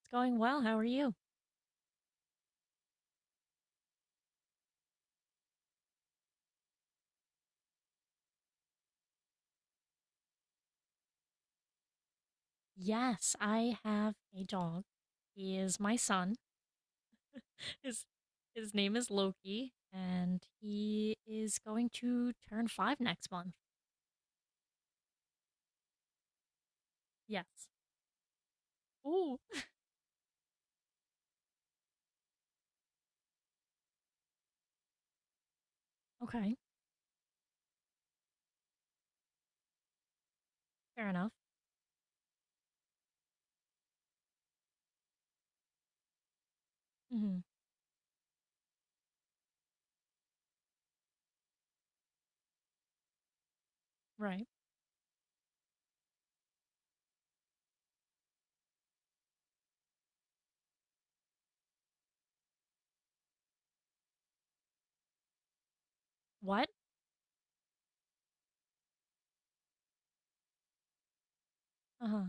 It's going well. How are you? Yes, I have a dog. He is my son. His his name is Loki, and he is going to turn 5 next month. Yes. Ooh. Okay. Fair enough. Hmm. Right. What? Uh huh.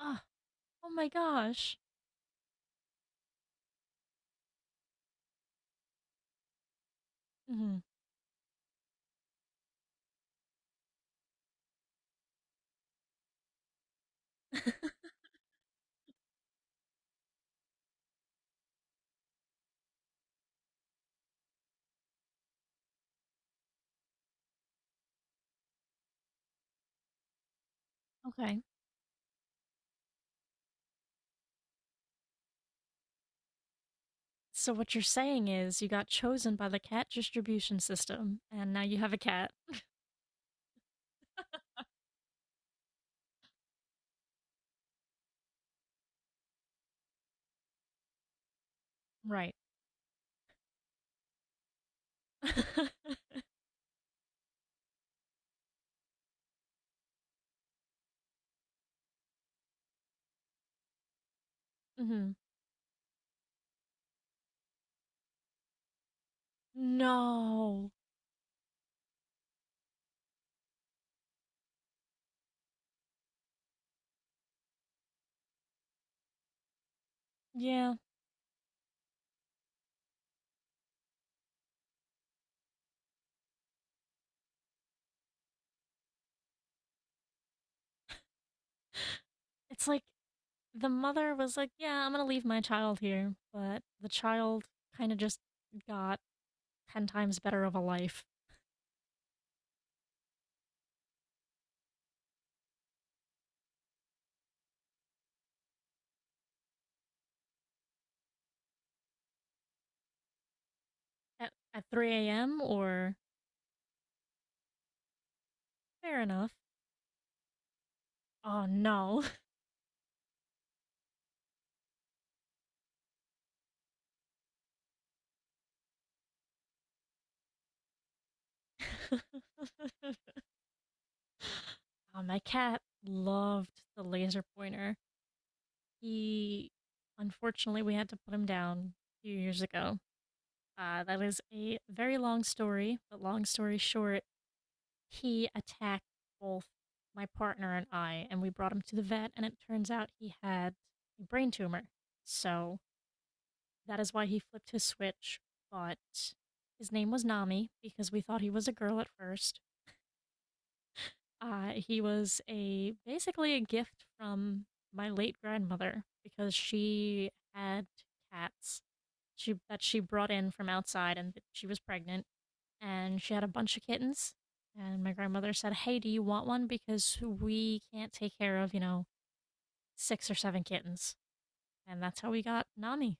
Oh, oh my gosh. Hmm. Okay. So what you're saying is you got chosen by the cat distribution system, and now you have a cat. Right. Hmm. No. Yeah. It's like the mother was like, "Yeah, I'm gonna leave my child here," but the child kind of just got 10 times better of a life at 3 a.m. Or fair enough. Oh no. My cat loved the laser pointer. He, unfortunately, we had to put him down a few years ago. That is a very long story, but long story short, he attacked both my partner and I, and we brought him to the vet, and it turns out he had a brain tumor. So that is why he flipped his switch. But his name was Nami because we thought he was a girl at first. He was a basically a gift from my late grandmother because she had cats that she brought in from outside, and she was pregnant and she had a bunch of kittens. And my grandmother said, "Hey, do you want one? Because we can't take care of, you know, 6 or 7 kittens." And that's how we got Nani.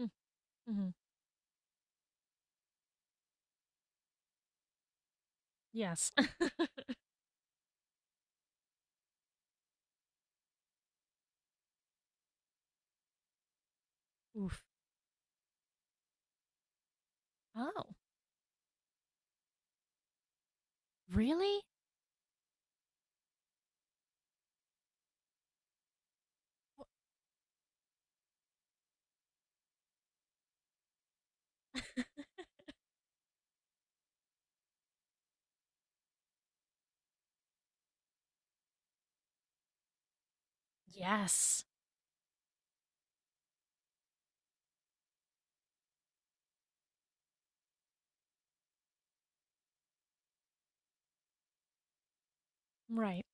Mm, Mm-hmm. Yes. Oof. Oh, really? Yes. Right.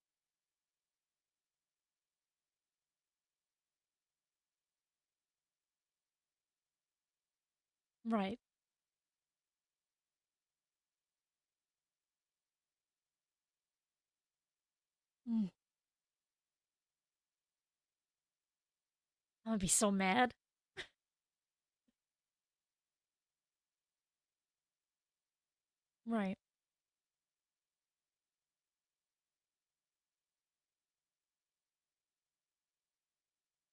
Right. Mm, I would be so mad. Right.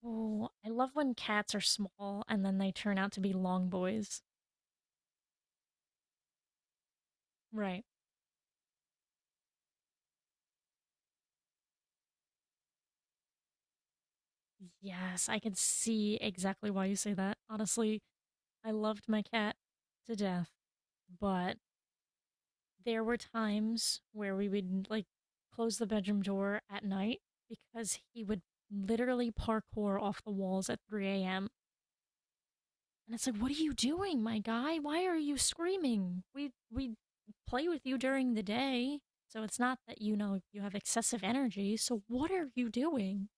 Oh, I love when cats are small and then they turn out to be long boys. Right. Yes, I can see exactly why you say that. Honestly, I loved my cat to death, but there were times where we would like close the bedroom door at night because he would literally parkour off the walls at 3 a.m. And it's like, what are you doing, my guy? Why are you screaming? We play with you during the day, so it's not that you know you have excessive energy. So what are you doing?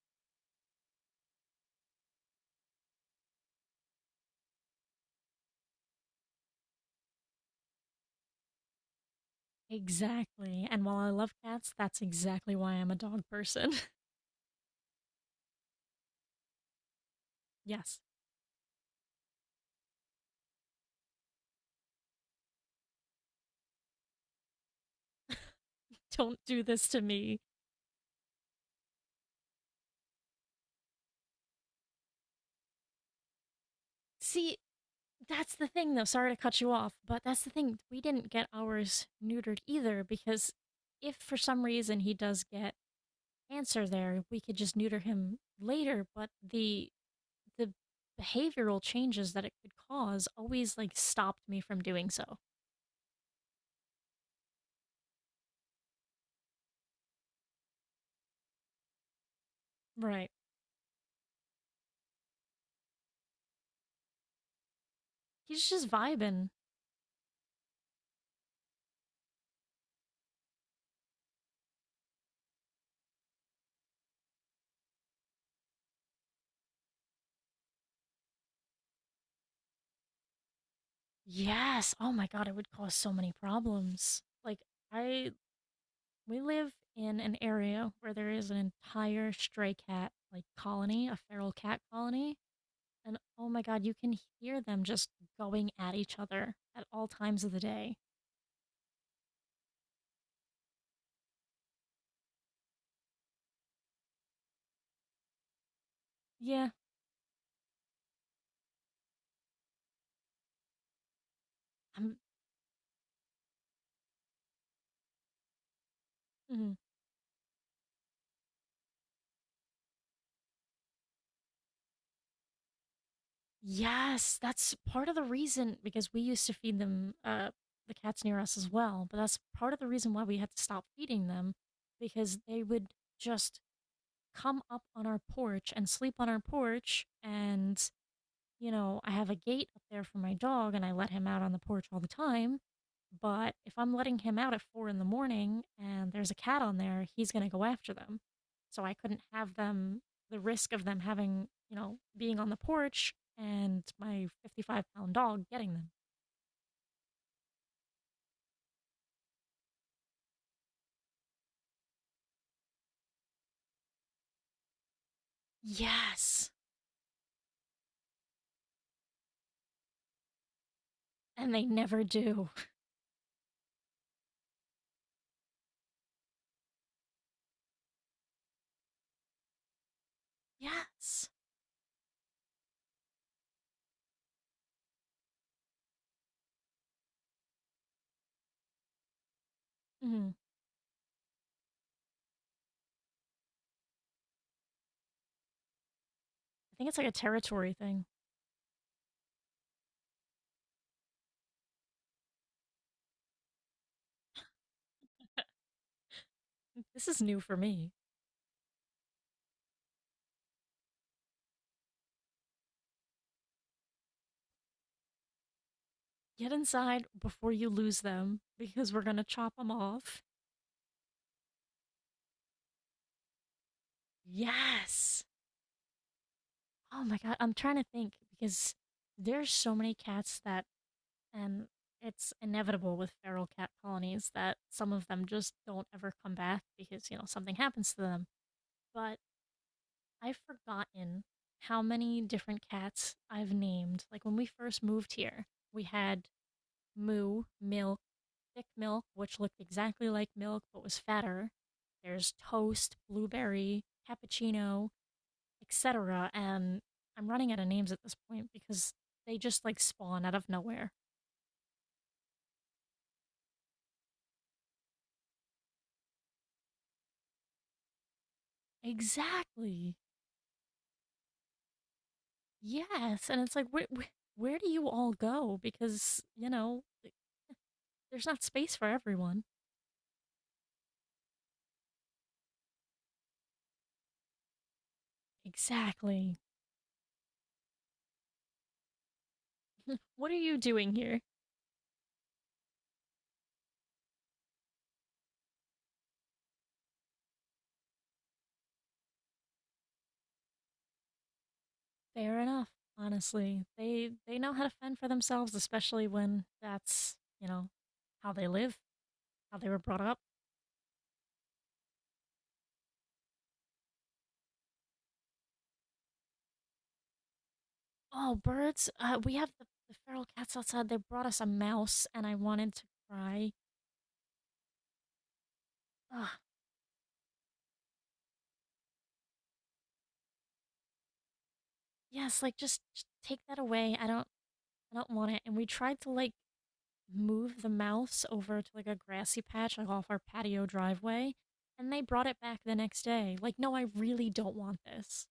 Exactly. And while I love cats, that's exactly why I'm a dog person. Yes. Don't do this to me. See, that's the thing, though. Sorry to cut you off, but that's the thing. We didn't get ours neutered either because if for some reason he does get cancer there, we could just neuter him later, but the behavioral changes that it could cause always like stopped me from doing so. Right. He's just vibing. Yes. Oh my god, it would cause so many problems. Like I we live in an area where there is an entire stray cat like colony, a feral cat colony. And oh my god, you can hear them just going at each other at all times of the day. Yeah, I'm. Mm. Yes, that's part of the reason because we used to feed them the cats near us as well. But that's part of the reason why we had to stop feeding them because they would just come up on our porch and sleep on our porch, and you know, I have a gate up there for my dog and I let him out on the porch all the time. But if I'm letting him out at 4 in the morning and there's a cat on there, he's going to go after them. So I couldn't have them, the risk of them having, you know, being on the porch and my 55-pound dog getting them. Yes. And they never do. Yes. Hmm. I think it's like a territory thing. This is new for me. Get inside before you lose them because we're going to chop them off. Yes. Oh my god, I'm trying to think because there's so many cats that and it's inevitable with feral cat colonies that some of them just don't ever come back because, you know, something happens to them. But I've forgotten how many different cats I've named. Like when we first moved here, we had Moo, Milk, Thick Milk, which looked exactly like Milk but was fatter. There's Toast, Blueberry, Cappuccino, etc. And I'm running out of names at this point because they just like spawn out of nowhere. Exactly. Yes. And it's like, where do you all go? Because, you know, there's not space for everyone. Exactly. What are you doing here? Fair enough. Honestly, they know how to fend for themselves, especially when that's you know how they live, how they were brought up. Oh, birds! We have the feral cats outside. They brought us a mouse, and I wanted to cry. Ugh, yes, like just take that away. I don't want it. And we tried to like move the mouse over to like a grassy patch like off our patio driveway, and they brought it back the next day. Like, no, I really don't want this.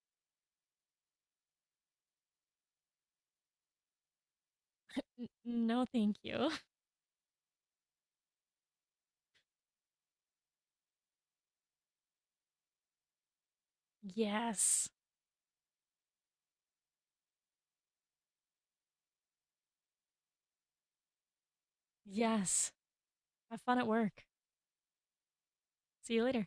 N- no, thank you. Yes. Yes. Have fun at work. See you later.